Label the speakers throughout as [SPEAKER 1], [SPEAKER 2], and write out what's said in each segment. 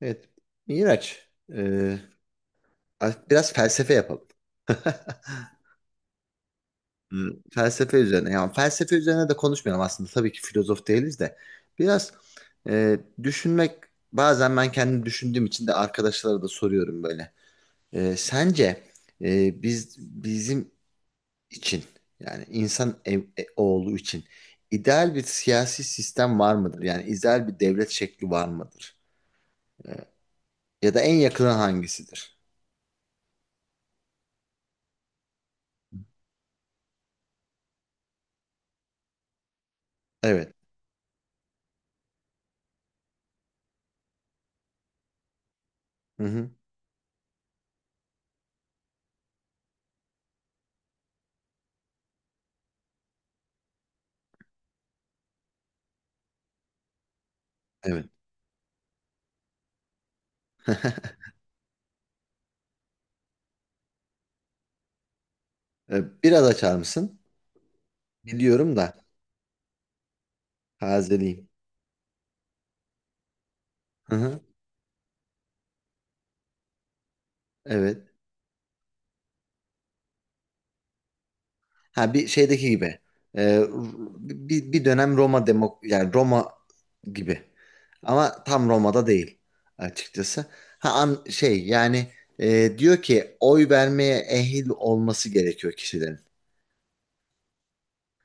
[SPEAKER 1] Evet. Miraç, e, biraz felsefe yapalım. Hmm, felsefe üzerine. Yani felsefe üzerine de konuşmayalım aslında. Tabii ki filozof değiliz de. Biraz düşünmek, bazen ben kendim düşündüğüm için de arkadaşlara da soruyorum böyle. Sence biz bizim için, yani insan oğlu için ideal bir siyasi sistem var mıdır? Yani ideal bir devlet şekli var mıdır? Ya da en yakını hangisidir? Evet. Hı hı. Evet. Biraz açar mısın? Biliyorum da tazeleyeyim. Hı hı, evet. Ha, bir şeydeki gibi. Ee, R- bir dönem Roma demok yani Roma gibi. Ama tam Roma'da değil açıkçası. Ha, an, şey yani, diyor ki oy vermeye ehil olması gerekiyor kişilerin.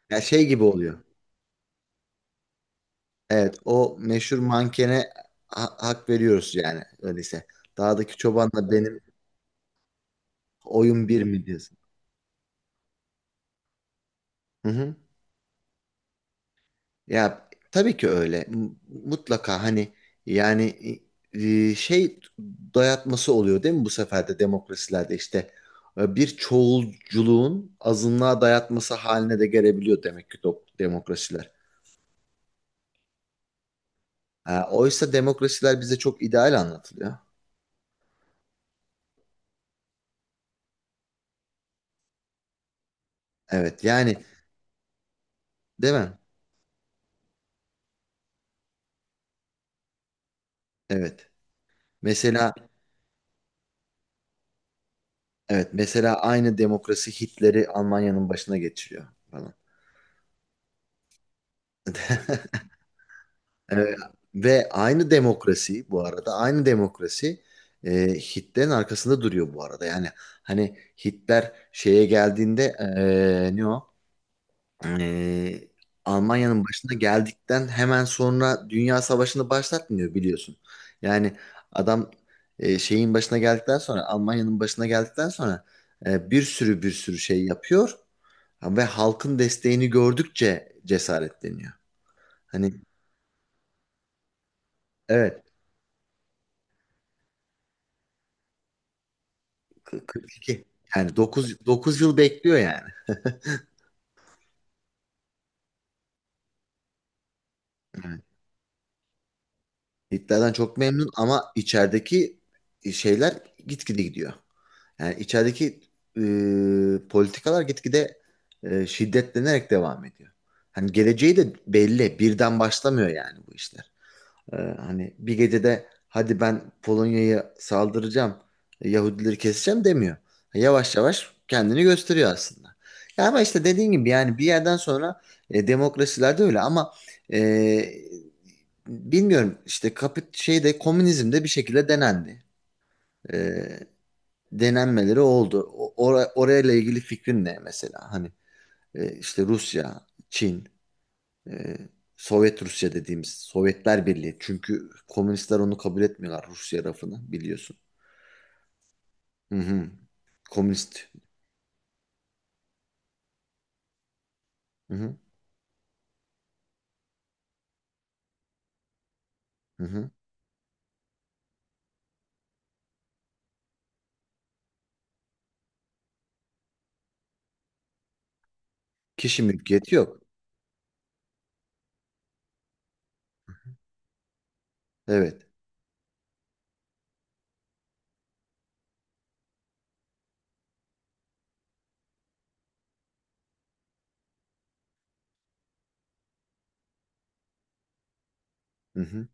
[SPEAKER 1] Ya, şey gibi oluyor. Evet, o meşhur mankene hak veriyoruz yani, öyleyse. Dağdaki çobanla benim oyun bir mi diyorsun? Hı hı. Ya, tabii ki öyle. Mutlaka hani yani, şey dayatması oluyor değil mi bu sefer de demokrasilerde işte, bir çoğulculuğun azınlığa dayatması haline de gelebiliyor demek ki, demokrasiler. Ha, oysa demokrasiler bize çok ideal anlatılıyor. Evet yani, değil mi? Evet. Mesela evet, mesela aynı demokrasi Hitler'i Almanya'nın başına geçiriyor falan. Ee, ve aynı demokrasi, bu arada aynı demokrasi, e, Hitler'in arkasında duruyor bu arada. Yani hani Hitler şeye geldiğinde, ne o? E, Almanya'nın başına geldikten hemen sonra Dünya Savaşı'nı başlatmıyor, biliyorsun. Yani adam şeyin başına geldikten sonra, Almanya'nın başına geldikten sonra bir sürü bir sürü şey yapıyor ve halkın desteğini gördükçe cesaretleniyor. Hani, evet. 42. Yani 9 yıl bekliyor yani. Evet. Hitler'den çok memnun ama içerideki şeyler gitgide gidiyor. Yani içerideki politikalar gitgide şiddetlenerek devam ediyor. Hani geleceği de belli. Birden başlamıyor yani bu işte. Hani bir gecede, hadi ben Polonya'ya saldıracağım, Yahudileri keseceğim demiyor. Yavaş yavaş kendini gösteriyor aslında. Ya ama işte dediğin gibi, yani bir yerden sonra demokrasilerde öyle ama e, bilmiyorum, işte şeyde, komünizmde bir şekilde denendi. E, Denenmeleri oldu. Orayla ilgili fikrin ne mesela? Hani işte Rusya, Çin. Ee, Sovyet Rusya dediğimiz Sovyetler Birliği. Çünkü komünistler onu kabul etmiyorlar, Rusya rafını biliyorsun. Hı hı. Komünist. Hı hı. Hı hı. Kişi mülkiyeti yok. Evet. Hı hı.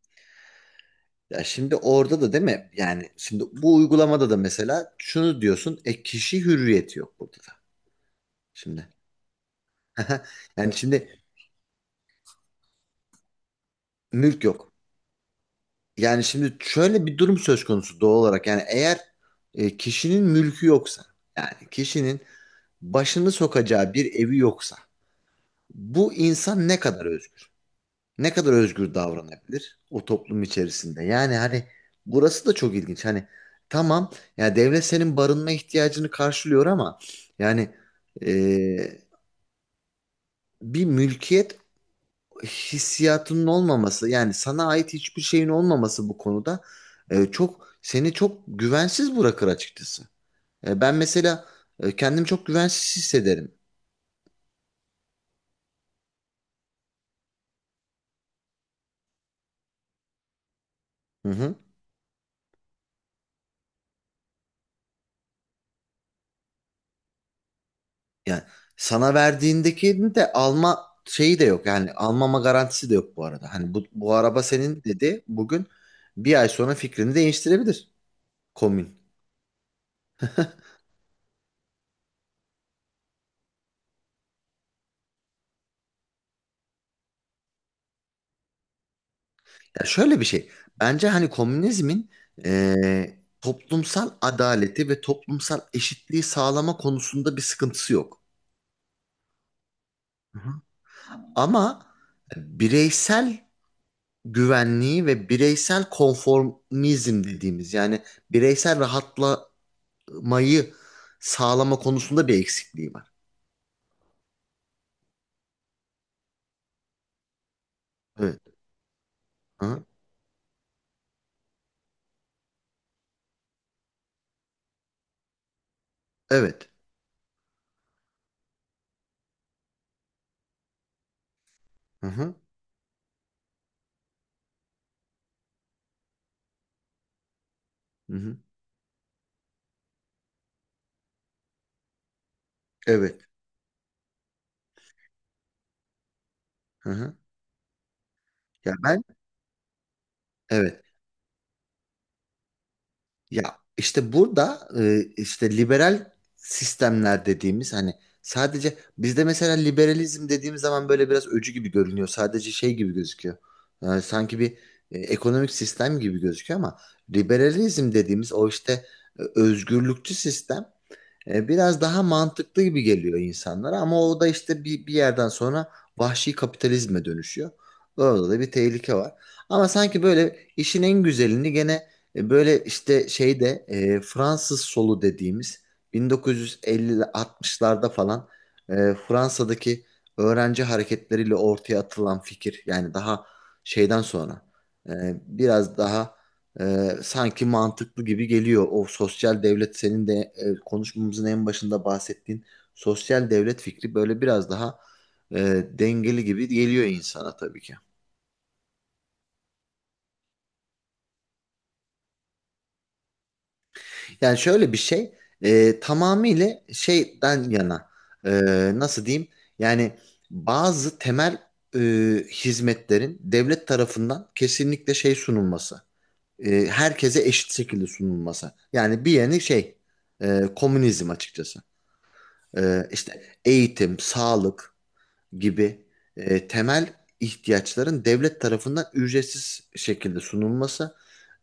[SPEAKER 1] Ya şimdi orada da, değil mi? Yani şimdi bu uygulamada da mesela şunu diyorsun. E, kişi hürriyeti yok burada da. Şimdi. Yani şimdi mülk yok. Yani şimdi şöyle bir durum söz konusu doğal olarak. Yani eğer kişinin mülkü yoksa, yani kişinin başını sokacağı bir evi yoksa, bu insan ne kadar özgür? Ne kadar özgür davranabilir o toplum içerisinde? Yani hani burası da çok ilginç. Hani tamam, ya devlet senin barınma ihtiyacını karşılıyor ama yani, e, bir mülkiyet hissiyatının olmaması, yani sana ait hiçbir şeyin olmaması bu konuda, çok seni çok güvensiz bırakır açıkçası. Ben mesela kendimi çok güvensiz hissederim. Hı hı. Yani sana verdiğindeki de alma şeyi de yok. Yani almama garantisi de yok bu arada. Hani bu araba senin dedi bugün, bir ay sonra fikrini değiştirebilir komün. Ya şöyle bir şey. Bence hani komünizmin, toplumsal adaleti ve toplumsal eşitliği sağlama konusunda bir sıkıntısı yok. Hı hı. Ama bireysel güvenliği ve bireysel konformizm dediğimiz, yani bireysel rahatla mayı sağlama konusunda bir eksikliği var. Evet. Hı. Evet. Hı hı. Hı hı. Evet. Hı hı. Ya ben, evet. Ya işte burada, işte liberal sistemler dediğimiz, hani sadece bizde mesela liberalizm dediğimiz zaman böyle biraz öcü gibi görünüyor. Sadece şey gibi gözüküyor. Yani sanki bir, ekonomik sistem gibi gözüküyor ama liberalizm dediğimiz o işte, özgürlükçü sistem. Biraz daha mantıklı gibi geliyor insanlara ama o da işte bir yerden sonra vahşi kapitalizme dönüşüyor. Orada da bir tehlike var. Ama sanki böyle işin en güzelini gene, böyle işte şeyde, Fransız solu dediğimiz 1950-60'larda falan, Fransa'daki öğrenci hareketleriyle ortaya atılan fikir, yani daha şeyden sonra, e, biraz daha sanki mantıklı gibi geliyor. O sosyal devlet, senin de konuşmamızın en başında bahsettiğin sosyal devlet fikri böyle biraz daha e, dengeli gibi geliyor insana tabii ki. Yani şöyle bir şey, tamamıyla şeyden yana, e, nasıl diyeyim, yani bazı temel e, hizmetlerin devlet tarafından kesinlikle şey sunulması. Herkese eşit şekilde sunulması. Yani bir yeni şey, komünizm açıkçası. İşte eğitim, sağlık gibi temel ihtiyaçların devlet tarafından ücretsiz şekilde sunulması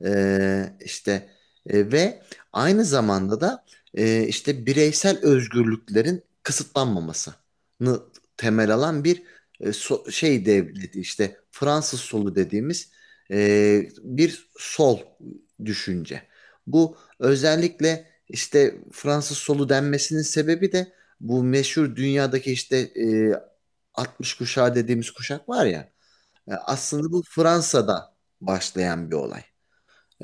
[SPEAKER 1] işte ve aynı zamanda da işte bireysel özgürlüklerin kısıtlanmamasını temel alan bir, şey devleti işte Fransız solu dediğimiz, bir sol düşünce. Bu özellikle işte Fransız solu denmesinin sebebi de bu meşhur dünyadaki işte, 60 kuşağı dediğimiz kuşak var ya. Aslında bu Fransa'da başlayan bir olay.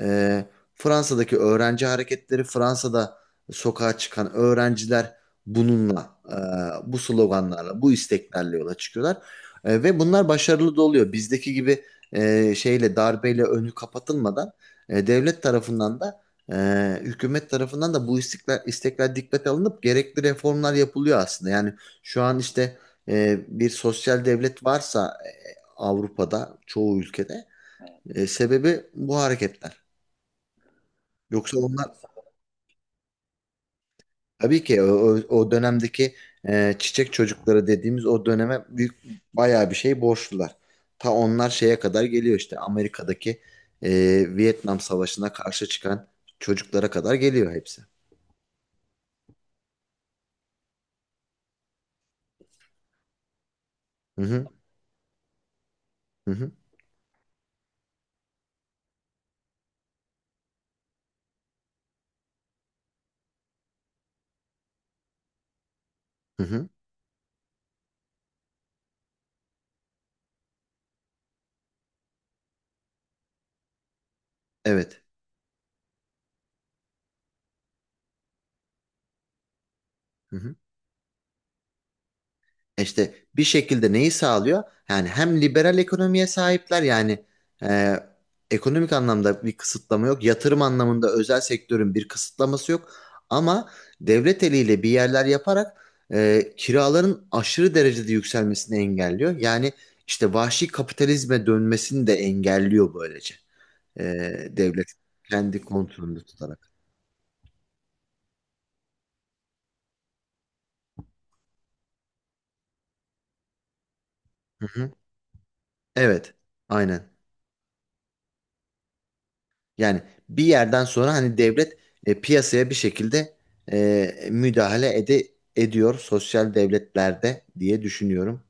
[SPEAKER 1] Ee, Fransa'daki öğrenci hareketleri, Fransa'da sokağa çıkan öğrenciler bununla, bu sloganlarla, bu isteklerle yola çıkıyorlar. Ve bunlar başarılı da oluyor. Bizdeki gibi şeyle, darbeyle önü kapatılmadan, devlet tarafından da hükümet tarafından da bu istekler, istekler dikkate alınıp gerekli reformlar yapılıyor aslında. Yani şu an işte bir sosyal devlet varsa, Avrupa'da çoğu ülkede sebebi bu hareketler. Yoksa onlar, tabii ki dönemdeki çiçek çocukları dediğimiz o döneme büyük, bayağı bir şey borçlular. Ta onlar şeye kadar geliyor, işte Amerika'daki e, Vietnam Savaşı'na karşı çıkan çocuklara kadar geliyor hepsi. Hı hı, hı hı. Hı hı. Evet. Hı hı. İşte bir şekilde neyi sağlıyor? Yani hem liberal ekonomiye sahipler, yani e, ekonomik anlamda bir kısıtlama yok. Yatırım anlamında özel sektörün bir kısıtlaması yok. Ama devlet eliyle bir yerler yaparak kiraların aşırı derecede yükselmesini engelliyor. Yani işte vahşi kapitalizme dönmesini de engelliyor böylece. E, Devlet kendi kontrolünde tutarak. Hı hı. Evet, aynen. Yani bir yerden sonra hani devlet piyasaya bir şekilde müdahale ediyor sosyal devletlerde diye düşünüyorum.